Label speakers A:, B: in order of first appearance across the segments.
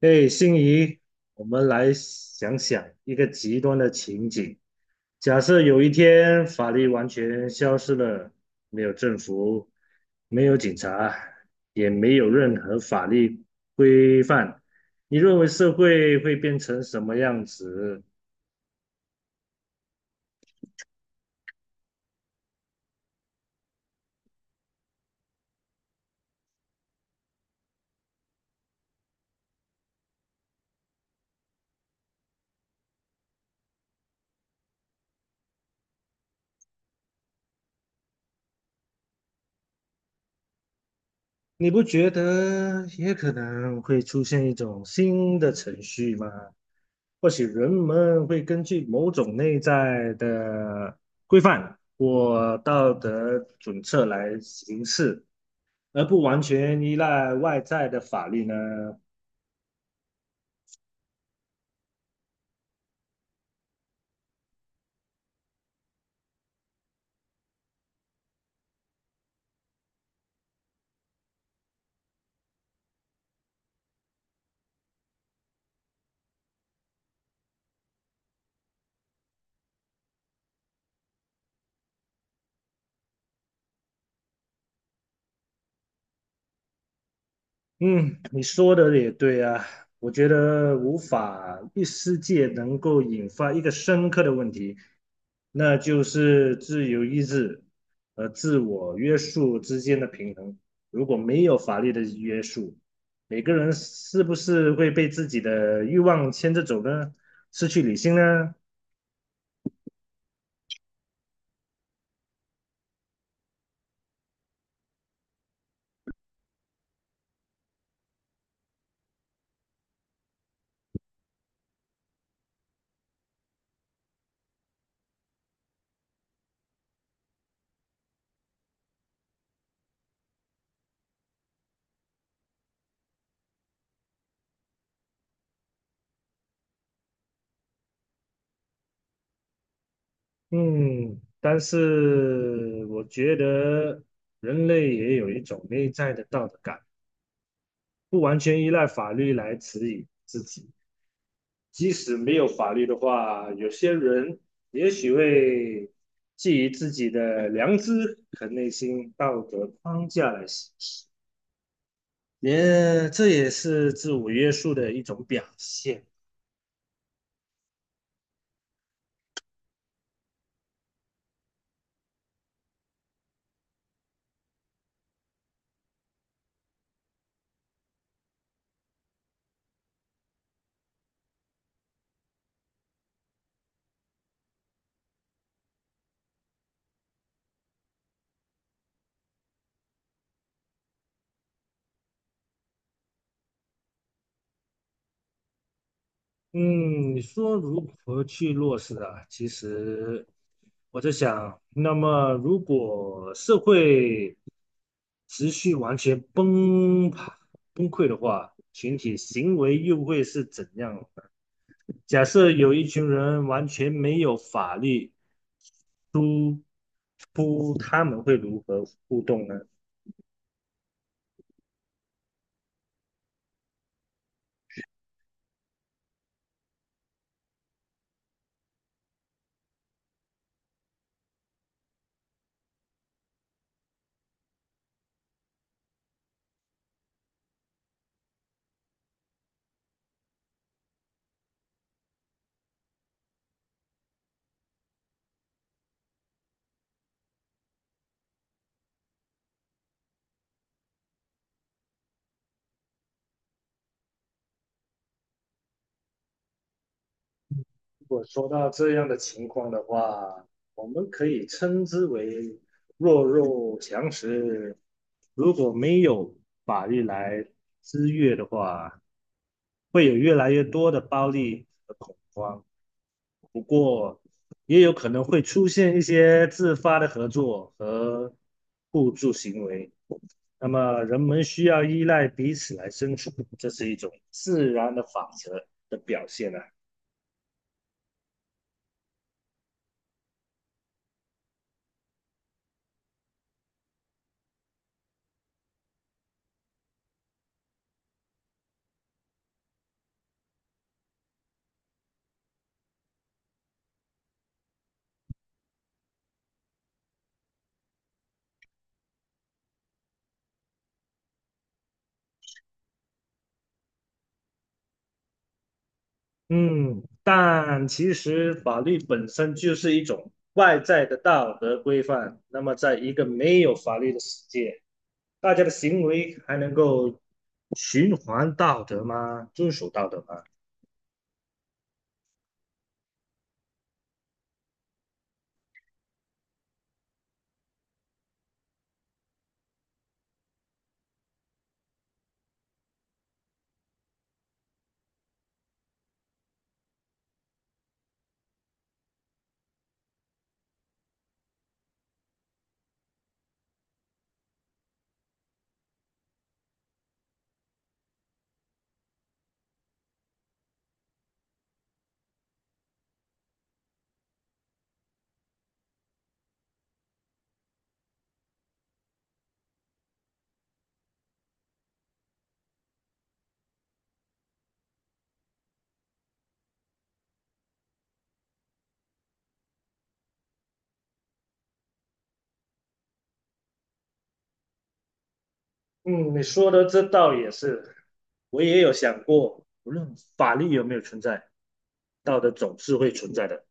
A: 哎，心仪，我们来想想一个极端的情景：假设有一天法律完全消失了，没有政府，没有警察，也没有任何法律规范，你认为社会会变成什么样子？你不觉得也可能会出现一种新的程序吗？或许人们会根据某种内在的规范或道德准则来行事，而不完全依赖外在的法律呢？嗯，你说的也对啊，我觉得无法一世界能够引发一个深刻的问题，那就是自由意志和自我约束之间的平衡。如果没有法律的约束，每个人是不是会被自己的欲望牵着走呢？失去理性呢？嗯，但是我觉得人类也有一种内在的道德感。不完全依赖法律来指引自己。即使没有法律的话，有些人也许会基于自己的良知和内心道德框架来行事，这也是自我约束的一种表现。嗯，你说如何去落实啊？其实我在想，那么如果社会持续完全崩溃的话，群体行为又会是怎样的，假设有一群人完全没有法律出出，他们会如何互动呢？如果说到这样的情况的话，我们可以称之为弱肉强食。如果没有法律来制约的话，会有越来越多的暴力和恐慌。不过，也有可能会出现一些自发的合作和互助行为。那么，人们需要依赖彼此来生存，这是一种自然的法则的表现啊。嗯，但其实法律本身就是一种外在的道德规范。那么，在一个没有法律的世界，大家的行为还能够循环道德吗？遵守道德吗？嗯，你说的这倒也是，我也有想过，无论法律有没有存在，道德总是会存在的。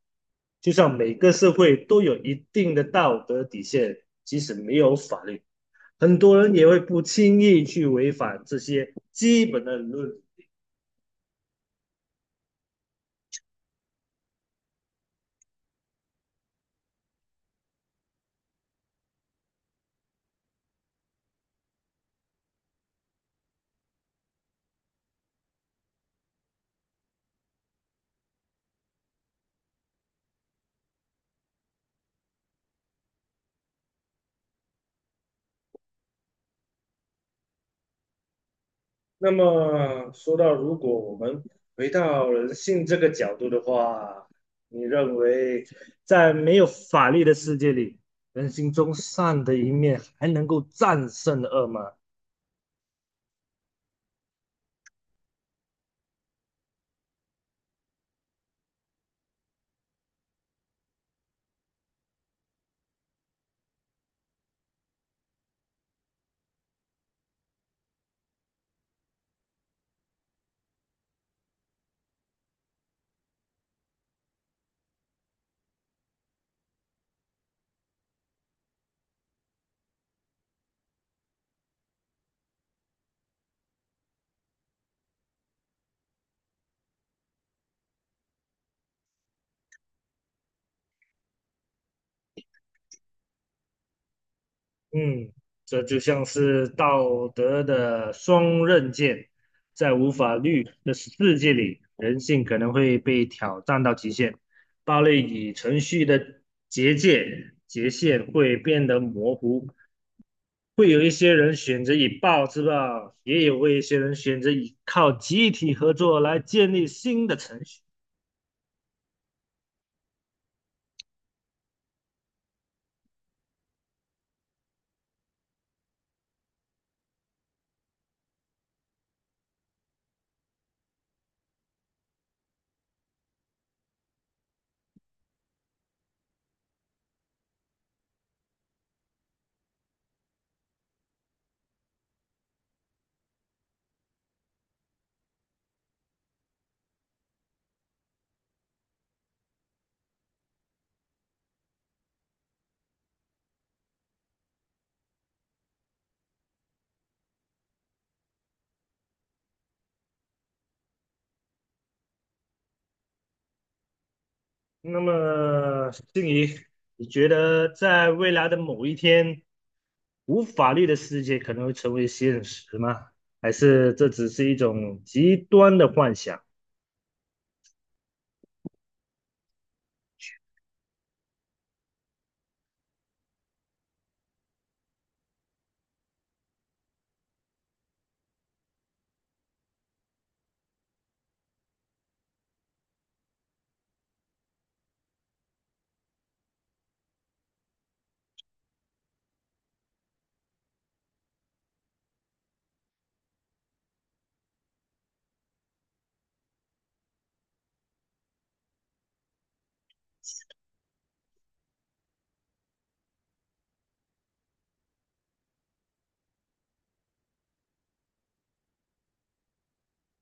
A: 就像每个社会都有一定的道德底线，即使没有法律。很多人也会不轻易去违反这些基本的理论。那么说到，如果我们回到人性这个角度的话，你认为在没有法律的世界里，人性中善的一面还能够战胜恶吗？嗯，这就像是道德的双刃剑，在无法律的世界里，人性可能会被挑战到极限，暴力与程序的结界界限会变得模糊。会有一些人选择以暴制暴，也有一些人选择以靠集体合作来建立新的程序。那么，静怡，你觉得在未来的某一天？无法律的世界可能会成为现实吗？还是这只是一种极端的幻想？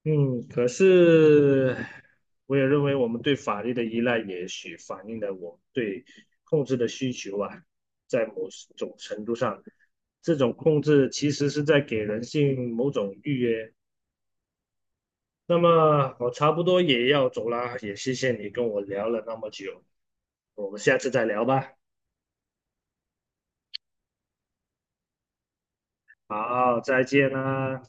A: 嗯，可是我也认为我们对法律的依赖，也许反映了我们对控制的需求啊，在某种程度上，这种控制其实是在给人性某种预约。那么我差不多也要走啦，也谢谢你跟我聊了那么久，我们下次再聊吧。好，再见啦。